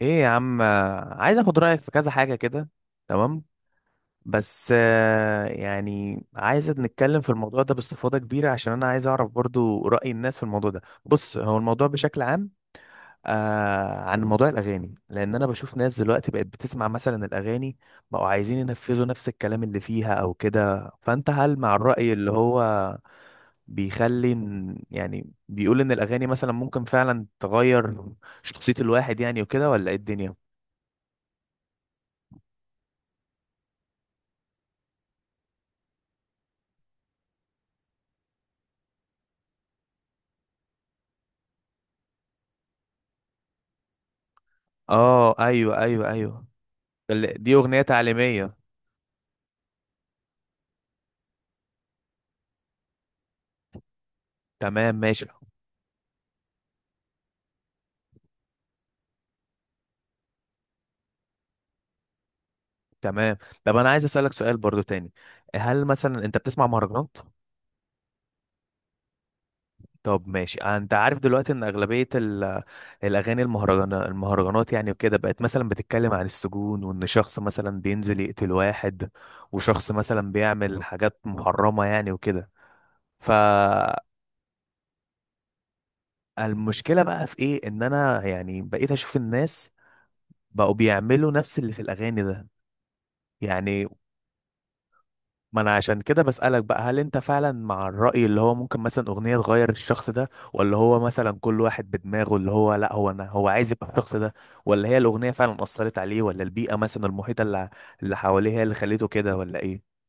ايه يا عم عايز اخد رايك في كذا حاجه كده. تمام. بس يعني عايز نتكلم في الموضوع ده باستفاضه كبيره عشان انا عايز اعرف برضو راي الناس في الموضوع ده. بص هو الموضوع بشكل عام آه عن موضوع الاغاني، لان انا بشوف ناس دلوقتي بقت بتسمع مثلا الاغاني، بقوا عايزين ينفذوا نفس الكلام اللي فيها او كده. فانت هل مع الراي اللي هو يعني بيقول ان الاغاني مثلا ممكن فعلا تغير شخصيه الواحد يعني وكده، ولا ايه الدنيا؟ اه ايوه ايوه ايوه. دي اغنيه تعليميه. تمام ماشي. تمام. طب انا عايز اسالك سؤال برضو تاني، هل مثلا انت بتسمع مهرجانات؟ طب ماشي، انت عارف دلوقتي ان اغلبيه الاغاني المهرجانات يعني وكده بقت مثلا بتتكلم عن السجون، وان شخص مثلا بينزل يقتل واحد، وشخص مثلا بيعمل حاجات محرمه يعني وكده. فالمشكله بقى في ايه ان انا يعني بقيت اشوف الناس بقوا بيعملوا نفس اللي في الاغاني ده. يعني ما انا عشان كده بسألك بقى، هل انت فعلا مع الرأي اللي هو ممكن مثلا أغنية تغير الشخص ده، ولا هو مثلا كل واحد بدماغه اللي هو لا، هو انا هو عايز يبقى الشخص ده، ولا هي الأغنية فعلا أثرت عليه، ولا البيئة مثلا المحيطة اللي حواليه هي اللي خليته كده ولا ايه؟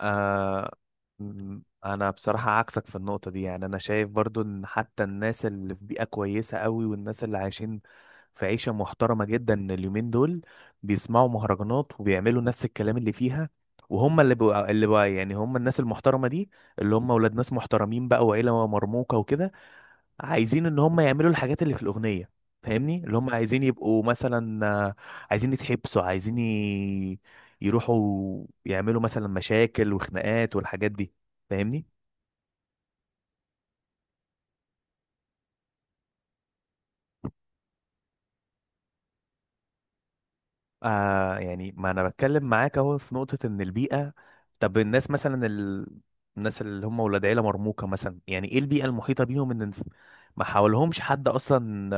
آه. انا بصراحة عكسك في النقطة دي، يعني انا شايف برضو ان حتى الناس اللي في بيئة كويسة قوي والناس اللي عايشين في عيشة محترمة جدا اليومين دول بيسمعوا مهرجانات وبيعملوا نفس الكلام اللي فيها. وهم اللي بقى يعني هم الناس المحترمة دي، اللي هم ولاد ناس محترمين بقى وعيلة مرموقة وكده، عايزين ان هم يعملوا الحاجات اللي في الاغنيه. فاهمني؟ اللي هم عايزين يبقوا مثلا عايزين يتحبسوا، يروحوا يعملوا مثلا مشاكل وخناقات والحاجات دي. فاهمني؟ آه، يعني ما انا بتكلم معاك اهو في نقطه ان البيئه. طب الناس مثلا الناس اللي هم ولاد عيله مرموقه مثلا، يعني ايه البيئه المحيطه بيهم؟ ان ما حاولهمش حد اصلا،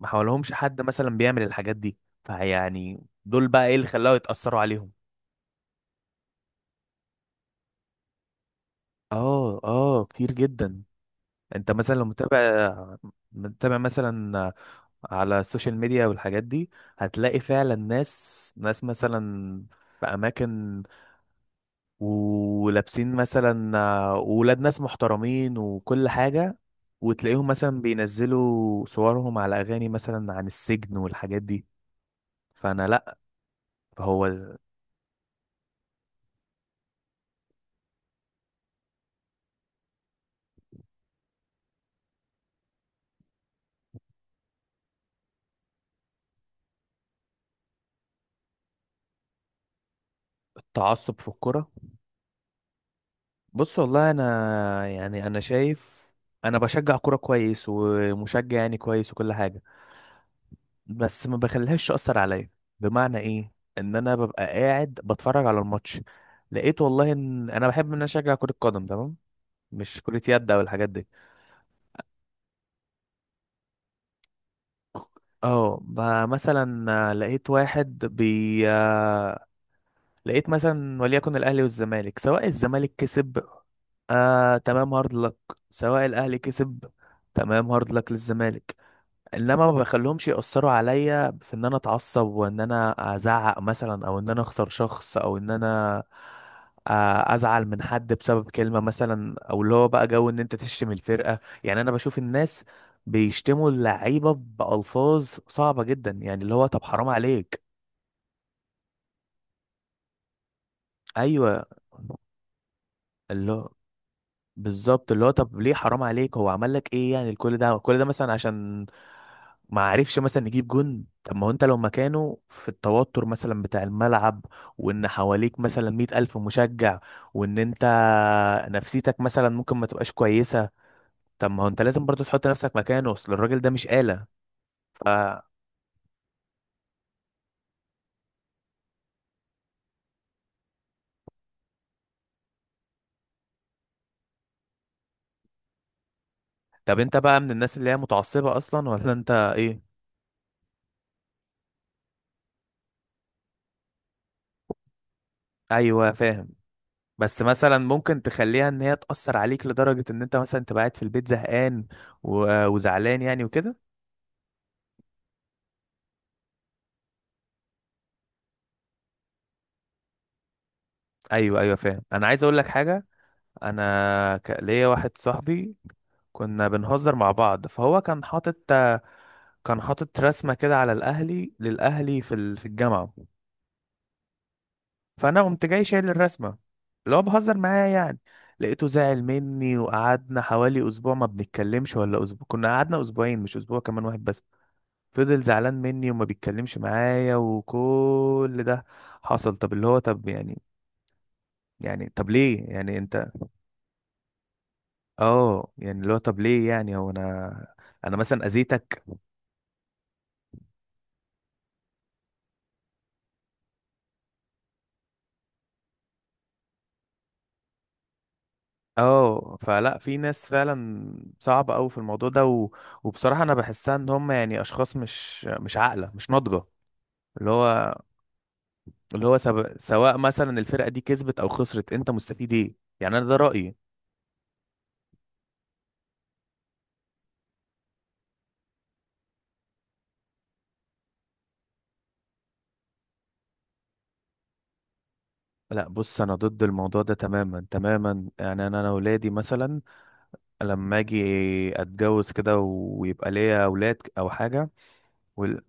ما حاولهمش حد مثلا بيعمل الحاجات دي. فيعني دول بقى ايه اللي خلاهم يتاثروا عليهم؟ اه اه كتير جدا. انت مثلا لو متابع، متابع مثلا على السوشيال ميديا والحاجات دي، هتلاقي فعلا ناس مثلا في اماكن ولابسين مثلا ولاد ناس محترمين وكل حاجة، وتلاقيهم مثلا بينزلوا صورهم على اغاني مثلا عن السجن والحاجات دي. فانا لا. هو التعصب في الكرة. بص والله انا يعني انا شايف انا بشجع كوره كويس ومشجع يعني كويس وكل حاجه، بس ما بخليهاش تاثر عليا. بمعنى ايه؟ ان انا ببقى قاعد بتفرج على الماتش، لقيت والله ان انا بحب ان انا اشجع كره قدم، تمام؟ مش كره يد او الحاجات دي. اه مثلا لقيت واحد بي لقيت مثلا وليكن الاهلي والزمالك، سواء الزمالك كسب، آه تمام هارد لك، سواء الاهلي كسب، تمام هارد لك للزمالك. انما ما بخليهمش يأثروا عليا في ان انا اتعصب، وان انا ازعق مثلا، او ان انا اخسر شخص، او ان انا ازعل من حد بسبب كلمة مثلا، او اللي هو بقى جو ان انت تشتم الفرقة. يعني انا بشوف الناس بيشتموا اللعيبة بألفاظ صعبة جدا، يعني اللي هو طب حرام عليك. ايوه اللي هو بالظبط، اللي هو طب ليه حرام عليك؟ هو عمل لك ايه يعني؟ الكل ده كل ده مثلا عشان ما عرفش مثلا يجيب جون؟ طب ما هو انت لو مكانه في التوتر مثلا بتاع الملعب، وان حواليك مثلا مئة ألف مشجع، وان انت نفسيتك مثلا ممكن ما تبقاش كويسة. طب ما هو انت لازم برضو تحط نفسك مكانه، اصل الراجل ده مش آلة. ف طب انت بقى من الناس اللي هي متعصبة اصلا ولا انت ايه؟ ايوه فاهم. بس مثلا ممكن تخليها ان هي تأثر عليك لدرجة ان انت مثلا تبقى قاعد في البيت زهقان وزعلان يعني وكده. ايوه ايوه فاهم. انا عايز اقول لك حاجة، انا ليا واحد صاحبي كنا بنهزر مع بعض، فهو كان حاطط، كان حاطط رسمة كده على الاهلي للاهلي في في الجامعة. فانا قمت جاي شايل الرسمة، اللي هو بهزر معاه يعني. لقيته زعل مني وقعدنا حوالي اسبوع ما بنتكلمش، ولا اسبوع، كنا قعدنا اسبوعين مش اسبوع، كمان واحد بس. فضل زعلان مني وما بيتكلمش معايا وكل ده حصل. طب اللي هو طب يعني، يعني طب ليه يعني انت؟ اه يعني اللي هو طب ليه يعني؟ هو انا انا مثلا اذيتك؟ اه. فلا في ناس فعلا صعبة قوي في الموضوع ده وبصراحة انا بحسها ان هم يعني اشخاص مش عاقلة مش ناضجة. اللي هو اللي هو سواء مثلا الفرقة دي كسبت او خسرت، انت مستفيد ايه؟ يعني انا ده رأيي. لا بص انا ضد الموضوع ده تماما تماما. يعني انا ولادي مثلا لما اجي اتجوز كده ويبقى ليا اولاد او حاجه وال...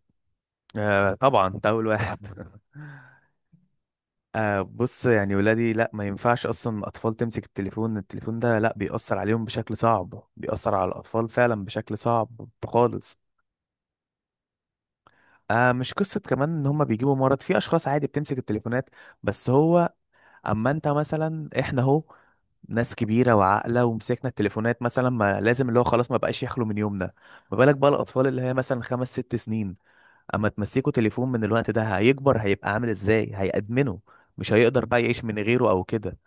آه طبعا انت اول واحد. آه بص يعني ولادي لا، ما ينفعش اصلا الاطفال تمسك التليفون. التليفون ده لا بيأثر عليهم بشكل صعب، بيأثر على الاطفال فعلا بشكل صعب خالص. آه مش قصة كمان ان هما بيجيبوا مرض، في اشخاص عادي بتمسك التليفونات، بس هو اما انت مثلا، احنا اهو ناس كبيرة وعاقلة ومسكنا التليفونات مثلا، ما لازم اللي هو خلاص ما بقاش يخلو من يومنا. ما بالك بقى الأطفال اللي هي مثلا خمس ست سنين أما تمسكوا تليفون من الوقت ده؟ هيكبر هيبقى عامل ازاي؟ هيأدمنه، مش هيقدر بقى يعيش من غيره أو كده.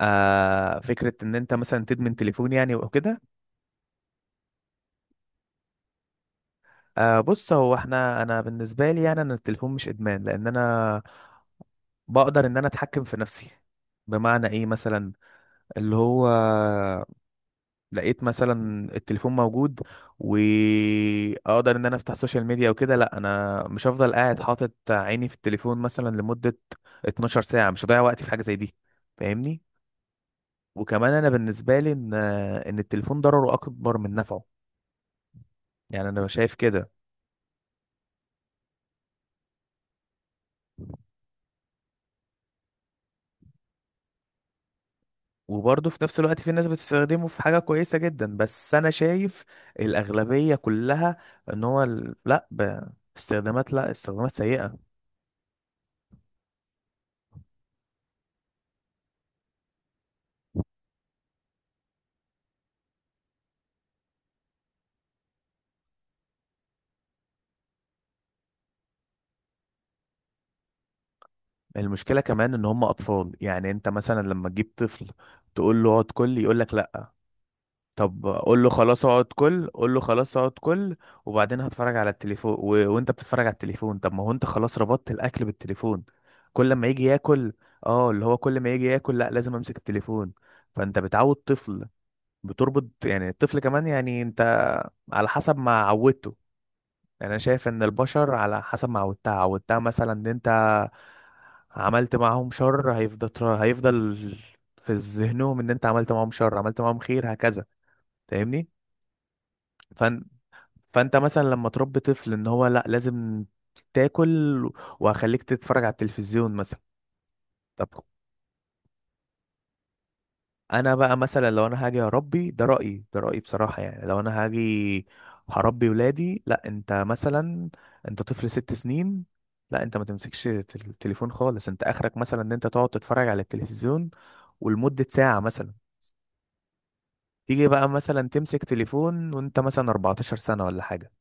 آه فكرة إن أنت مثلا تدمن تليفون يعني وكده. آه بص هو احنا، أنا بالنسبة لي يعني أنا التليفون مش إدمان، لأن أنا بقدر إن أنا أتحكم في نفسي. بمعنى إيه مثلا؟ اللي هو لقيت مثلا التليفون موجود واقدر ان انا افتح سوشيال ميديا وكده، لا انا مش هفضل قاعد حاطط عيني في التليفون مثلا لمدة 12 ساعة، مش هضيع وقتي في حاجة زي دي. فاهمني؟ وكمان انا بالنسبة لي ان التليفون ضرره اكبر من نفعه، يعني انا شايف كده. وبرضه في نفس الوقت في ناس بتستخدمه في حاجة كويسة جدا، بس انا شايف الأغلبية كلها ان هو ال- لا ب... استخدامات، لا استخدامات سيئة. المشكلة كمان ان هم اطفال، يعني انت مثلا لما تجيب طفل تقول له اقعد كل، يقول لك لا. طب قول له خلاص اقعد كل، قول له خلاص اقعد كل وبعدين هتفرج على التليفون و... وانت بتتفرج على التليفون، طب ما هو انت خلاص ربطت الاكل بالتليفون. كل ما يجي ياكل، اه اللي هو كل ما يجي ياكل لا لازم امسك التليفون. فانت بتعود طفل، بتربط يعني الطفل، كمان يعني انت على حسب ما عودته. يعني انا شايف ان البشر على حسب ما عودتها، عودتها مثلا ان انت عملت معاهم شر، هيفضل في ذهنهم ان انت عملت معاهم شر، عملت معاهم خير هكذا. فاهمني؟ فن... فانت مثلا لما تربي طفل ان هو لا لازم تاكل، وهخليك تتفرج على التلفزيون مثلا. طب انا بقى مثلا لو انا هاجي اربي، ده رايي ده رايي بصراحه. يعني لو انا هاجي هربي ولادي، لا، انت مثلا انت طفل ست سنين، لا انت ما تمسكش التليفون خالص. انت اخرك مثلا ان انت تقعد تتفرج على التلفزيون ولمده ساعه مثلا. تيجي بقى مثلا تمسك تليفون وانت مثلا 14 سنه ولا حاجه.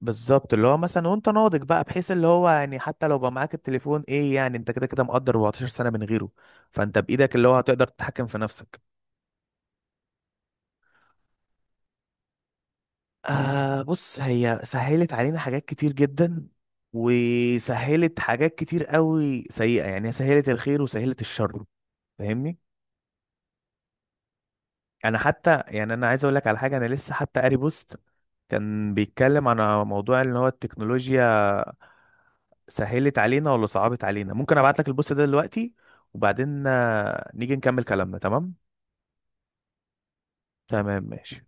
بالظبط، اللي هو مثلا وانت ناضج بقى، بحيث اللي هو يعني حتى لو بقى معاك التليفون ايه يعني؟ انت كده كده مقدر 14 سنه من غيره، فانت بايدك اللي هو هتقدر تتحكم في نفسك. آه بص هي سهلت علينا حاجات كتير جدا، وسهلت حاجات كتير قوي سيئة. يعني هي سهلت الخير وسهلت الشر. فاهمني؟ انا حتى يعني انا عايز اقول لك على حاجة، انا لسه حتى قاري بوست كان بيتكلم عن موضوع ان هو التكنولوجيا سهلت علينا ولا صعبت علينا. ممكن ابعت لك البوست ده دلوقتي، وبعدين نيجي نكمل كلامنا، تمام؟ تمام ماشي.